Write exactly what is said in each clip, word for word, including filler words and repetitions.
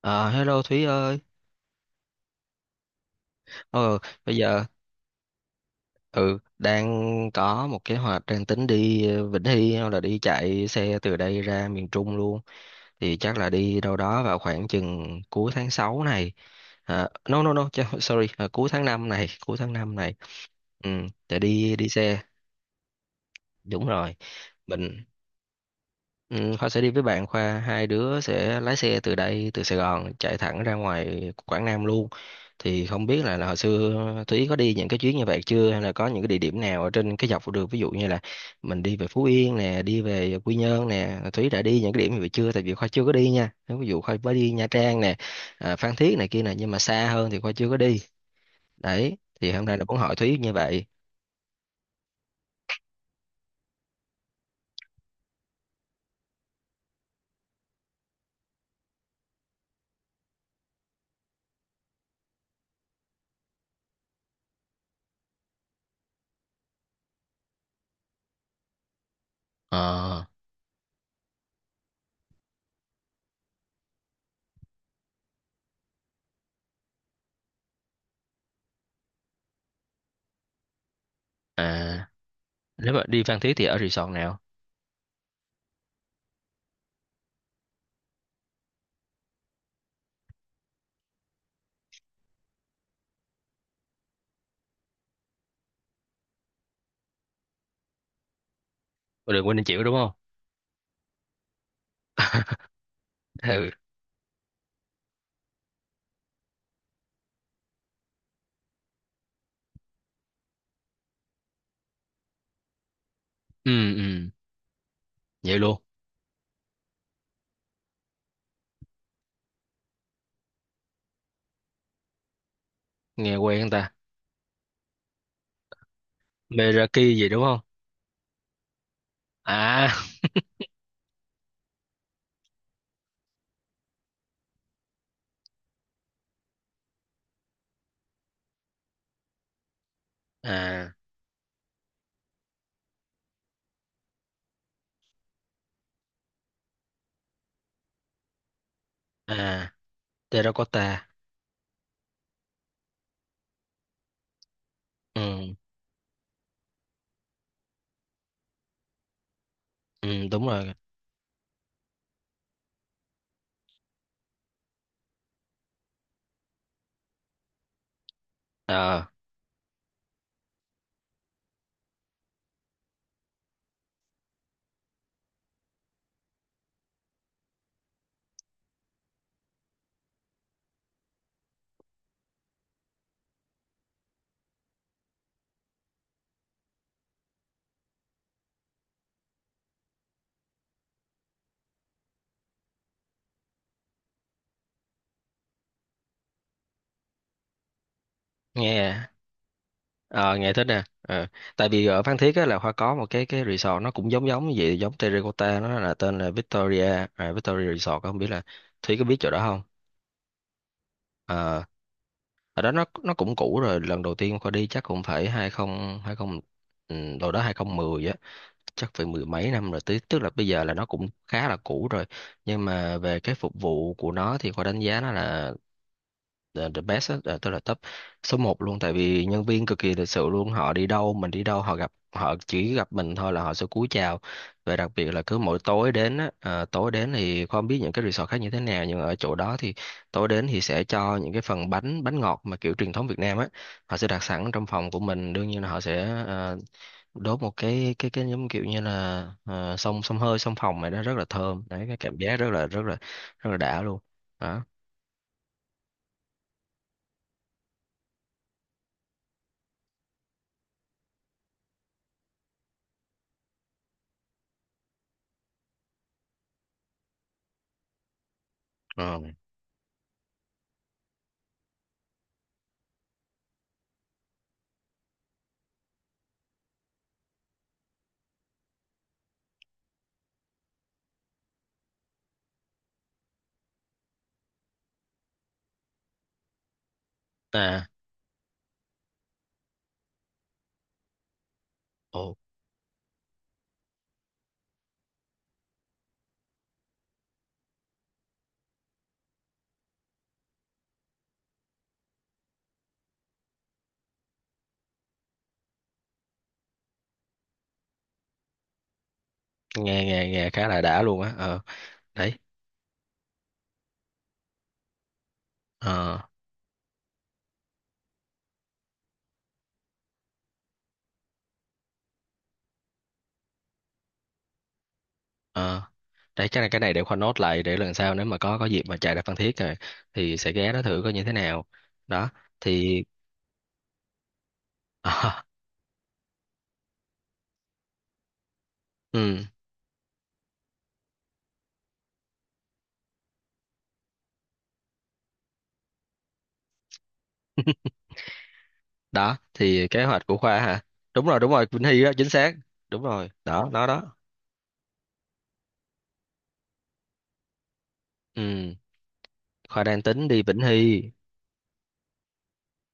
Ờ, Hello Thúy ơi. Ờ, bây giờ ừ đang có một kế hoạch đang tính đi ờ, Vĩnh Hy hoặc là đi chạy xe từ đây ra miền Trung luôn. Thì chắc là đi đâu đó vào khoảng chừng cuối tháng sáu này. À, no no no, chà- sorry, à, cuối tháng năm này, cuối tháng năm này. Ừ, để đi đi xe. Đúng rồi. Mình Ừ, Khoa sẽ đi với bạn Khoa, hai đứa sẽ lái xe từ đây từ Sài Gòn chạy thẳng ra ngoài Quảng Nam luôn, thì không biết là, là hồi xưa Thúy có đi những cái chuyến như vậy chưa, hay là có những cái địa điểm nào ở trên cái dọc đường, ví dụ như là mình đi về Phú Yên nè, đi về Quy Nhơn nè. Thúy đã đi những cái điểm như vậy chưa? Tại vì Khoa chưa có đi nha. Nếu ví dụ Khoa mới đi Nha Trang nè, à, Phan Thiết này kia nè, nhưng mà xa hơn thì Khoa chưa có đi. Đấy thì hôm nay là muốn hỏi Thúy như vậy. Ờ, à, nếu mà đi Phan Thiết thì ở resort nào? Đường Quỳnh Anh chịu đúng không? Ừ, ừ, ừ, vậy luôn. Nghe quen ta. Meraki gì đúng không? À, à, à, terracotta. Ừ, ừ, đúng rồi. Ờ nghe ờ nghe thích nè. ờ Tại vì ở Phan Thiết á là Khoa có một cái cái resort, nó cũng giống giống như vậy, giống terracotta, nó là tên là Victoria, à, Victoria Resort, không biết là Thúy có biết chỗ đó không. ờ Ở đó nó nó cũng cũ rồi. Lần đầu tiên Khoa đi chắc cũng phải hai không hai không. ừ, đâu đó hai không mười. Chắc phải mười mấy năm rồi, tức tức là bây giờ là nó cũng khá là cũ rồi. Nhưng mà về cái phục vụ của nó thì Khoa đánh giá nó là the, the best á, à, tức là top số một luôn. Tại vì nhân viên cực kỳ lịch sự luôn, họ đi đâu mình đi đâu, họ gặp họ chỉ gặp mình thôi là họ sẽ cúi chào. Và đặc biệt là cứ mỗi tối đến á, à, tối đến thì không biết những cái resort khác như thế nào, nhưng ở chỗ đó thì tối đến thì sẽ cho những cái phần bánh bánh ngọt mà kiểu truyền thống Việt Nam á. Họ sẽ đặt sẵn trong phòng của mình, đương nhiên là họ sẽ ờ, đốt một cái cái cái giống kiểu như là uh, xông xông hơi xông phòng này đó, rất là thơm. Đấy, cái cảm giác rất là rất là rất là đã luôn. Đó. Ừ. À. Ồ, nghe nghe nghe khá là đã luôn á. ờ Đấy. ờ ờ Đấy, chắc là cái này để Khoa nốt lại, để lần sau nếu mà có có dịp mà chạy ra Phan Thiết rồi thì sẽ ghé đó thử coi như thế nào. Đó thì. À, ừ, đó thì kế hoạch của Khoa hả? Đúng rồi, đúng rồi, Vĩnh Hy đó chính xác. Đúng rồi, đó đó đó. Ừ, Khoa đang tính đi Vĩnh Hy.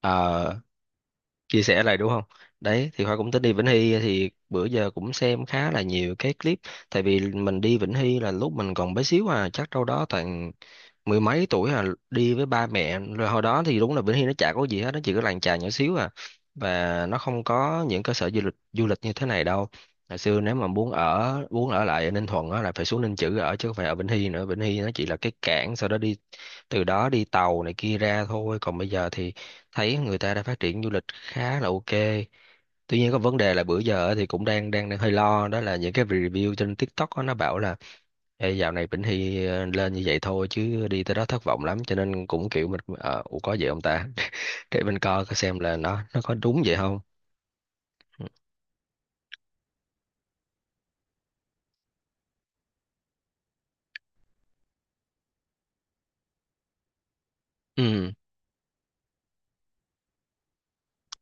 Ờ, chia sẻ lại đúng không? Đấy, thì Khoa cũng tính đi Vĩnh Hy thì bữa giờ cũng xem khá là nhiều cái clip. Tại vì mình đi Vĩnh Hy là lúc mình còn bé xíu à, chắc đâu đó toàn mười mấy tuổi à, đi với ba mẹ. Rồi hồi đó thì đúng là Vĩnh Hy nó chả có gì hết, nó chỉ có làng chài nhỏ xíu à. Và nó không có những cơ sở du lịch du lịch như thế này đâu. Hồi xưa nếu mà muốn ở muốn ở lại ở Ninh Thuận á là phải xuống Ninh Chữ ở, chứ không phải ở Vĩnh Hy nữa. Vĩnh Hy nó chỉ là cái cảng, sau đó đi từ đó đi tàu này kia ra thôi, còn bây giờ thì thấy người ta đã phát triển du lịch khá là ok. Tuy nhiên có vấn đề là bữa giờ á thì cũng đang đang đang hơi lo, đó là những cái review trên TikTok á, nó bảo là: Ê, dạo này Vĩnh Hy ờ, lên như vậy thôi chứ đi tới đó thất vọng lắm, cho nên cũng kiểu mình ờ, ủa có vậy không ta? Để mình coi coi xem là nó nó có đúng vậy không. Ừ.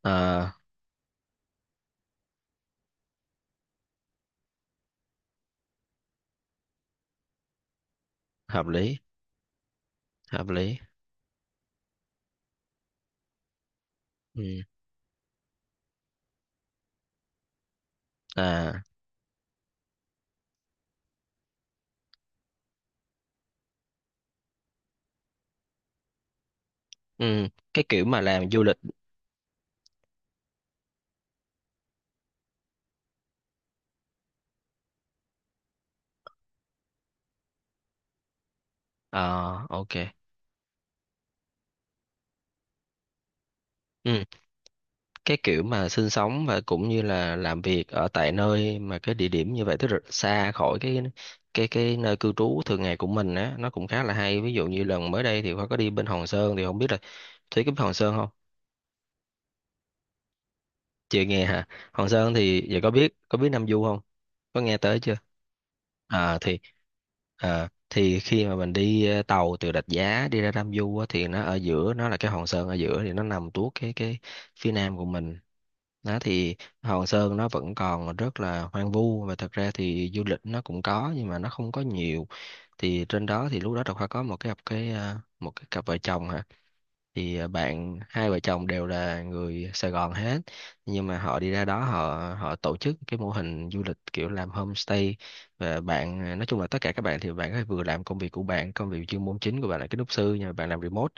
ờ, hợp lý, hợp lý. Ừ. À. Ừ. Cái kiểu mà làm du lịch. ờ ok. Ừ, cái kiểu mà sinh sống và cũng như là làm việc ở tại nơi mà cái địa điểm như vậy, tức là xa khỏi cái cái cái nơi cư trú thường ngày của mình á, nó cũng khá là hay. Ví dụ như lần mới đây thì Khoa có đi bên Hòn Sơn, thì không biết là Thúy có biết Hòn Sơn không. Chưa nghe hả? Hoàng Sơn thì giờ, có biết có biết Nam Du không? Có nghe tới chưa? À thì à, thì khi mà mình đi ờ, tàu từ Rạch Giá đi ra Nam Du á, thì nó ở giữa, nó là cái Hòn Sơn ở giữa, thì nó nằm tuốt cái cái phía nam của mình. Đó thì Hòn Sơn nó vẫn còn rất là hoang vu, và thật ra thì du lịch nó cũng có nhưng mà nó không có nhiều. Thì trên đó thì lúc đó Đào Khoa có một cái cặp cái ờ, một cái cặp vợ chồng hả? Thì à, bạn hai vợ chồng đều là người Sài Gòn hết. Nhưng mà họ đi ra đó, họ họ tổ chức cái mô hình du lịch kiểu làm homestay. Và bạn à, nói chung là tất cả các bạn thì bạn có vừa làm công việc của bạn, công việc chuyên môn chính của bạn là kiến trúc sư, nhưng mà bạn làm remote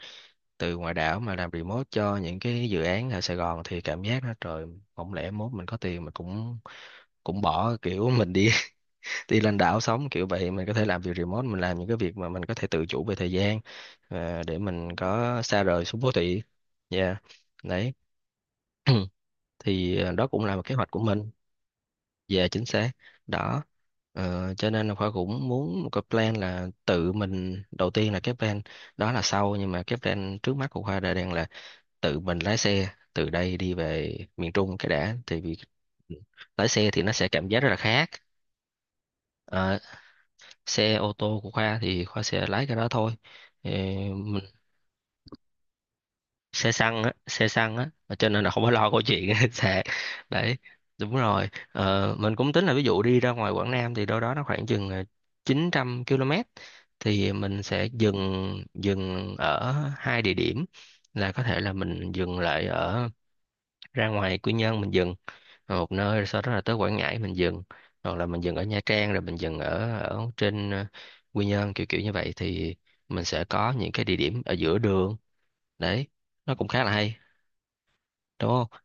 từ ngoài đảo mà làm remote cho những cái dự án ở Sài Gòn, thì cảm giác nó, trời, không lẽ mốt mình có tiền mà cũng cũng bỏ kiểu mình đi đi lên đảo sống kiểu vậy, mình có thể làm việc remote, mình làm những cái việc mà mình có thể tự chủ về thời gian, ờ, để mình có xa rời xuống phố thị. Yeah. Đấy. Thì ờ, đó cũng là một kế hoạch của mình. Về chính xác. Đó. Ờ, cho nên là Khoa cũng muốn một cái plan, là tự mình đầu tiên là cái plan đó là sau, nhưng mà cái plan trước mắt của Khoa đã đang là tự mình lái xe từ đây đi về miền Trung cái đã, thì vì ừ, lái xe thì nó sẽ cảm giác rất là khác. Ờ, xe ô tô của Khoa thì Khoa sẽ lái cái đó thôi. Ờ, mình xe xăng á, xe xăng á, cho nên là không phải lo câu chuyện sạc. Đấy, đúng rồi. Ờ, mình cũng tính là ví dụ đi ra ngoài Quảng Nam thì đâu đó nó khoảng chừng ờ, chín trăm ki lô mét, thì mình sẽ dừng dừng ở hai địa điểm. Là có thể là mình dừng lại ở, ra ngoài Quy Nhơn mình dừng, rồi một nơi, rồi sau đó là tới Quảng Ngãi mình dừng, hoặc là mình dừng ở Nha Trang, rồi mình dừng ở ở trên ờ, Quy Nhơn, kiểu kiểu như vậy. Thì mình sẽ có những cái địa điểm ở giữa đường, đấy, nó cũng khá là hay, đúng không?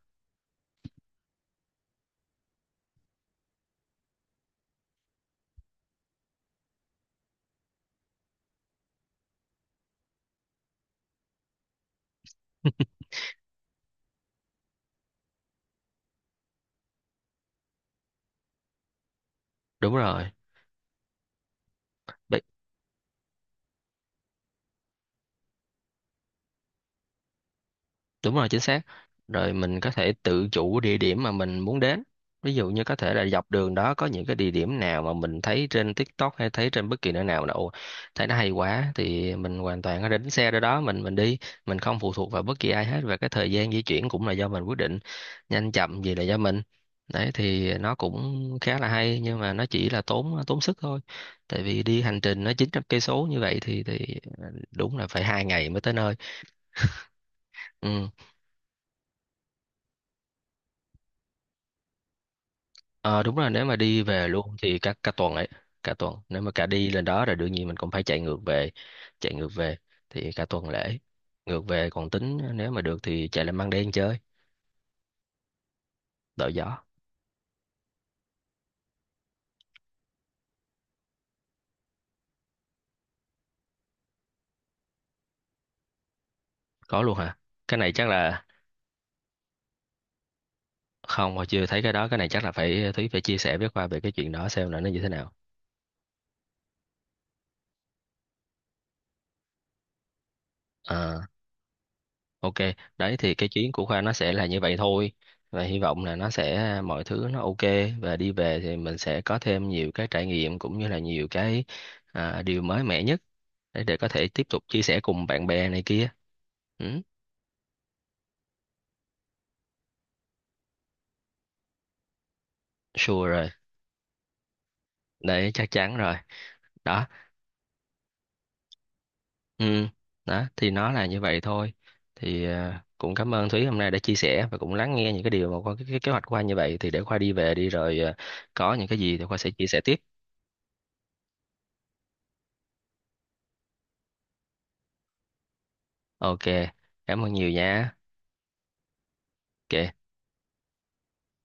Đúng rồi. Đúng rồi, chính xác. Rồi mình có thể tự chủ địa điểm mà mình muốn đến. Ví dụ như có thể là dọc đường đó có những cái địa điểm nào mà mình thấy trên TikTok hay thấy trên bất kỳ nơi nào đâu thấy nó hay quá thì mình hoàn toàn có thể đánh xe ra đó, mình mình đi, mình không phụ thuộc vào bất kỳ ai hết và cái thời gian di chuyển cũng là do mình quyết định, nhanh chậm gì là do mình. Đấy thì nó cũng khá là hay, nhưng mà nó chỉ là tốn tốn sức thôi. Tại vì đi hành trình nó chín trăm cây số như vậy thì thì ờ, đúng là phải hai ngày mới tới nơi. Ừ. Ờ đúng rồi, nếu mà đi về luôn thì cả cả tuần ấy. Cả tuần, nếu mà cả đi lên đó rồi đương nhiên mình cũng phải chạy ngược về, chạy ngược về thì cả tuần lễ. Ngược về còn tính nếu mà được thì chạy lên Măng Đen chơi đổi gió. Có luôn hả? Cái này chắc là không, mà chưa thấy cái đó, cái này chắc là phải Thúy phải chia sẻ với Khoa về cái chuyện đó xem là nó như thế nào. Ờ. Ok, đấy thì cái chuyến của Khoa nó sẽ là như vậy thôi, và hy vọng là nó sẽ mọi thứ nó ok, và đi về thì mình sẽ có thêm nhiều cái trải nghiệm cũng như là nhiều cái, à, điều mới mẻ nhất, để, để có thể tiếp tục chia sẻ cùng bạn bè này kia. Ừ, sure rồi, đấy chắc chắn rồi. Đó. Ừ, đó thì nó là như vậy thôi. Thì à, cũng cảm ơn Thúy hôm nay đã chia sẻ và cũng lắng nghe những cái điều mà Khoa, cái, cái kế hoạch của Khoa như vậy, thì để Khoa đi về đi rồi à, có những cái gì thì Khoa sẽ chia sẻ tiếp. Ok, cảm ơn nhiều nha. Ok,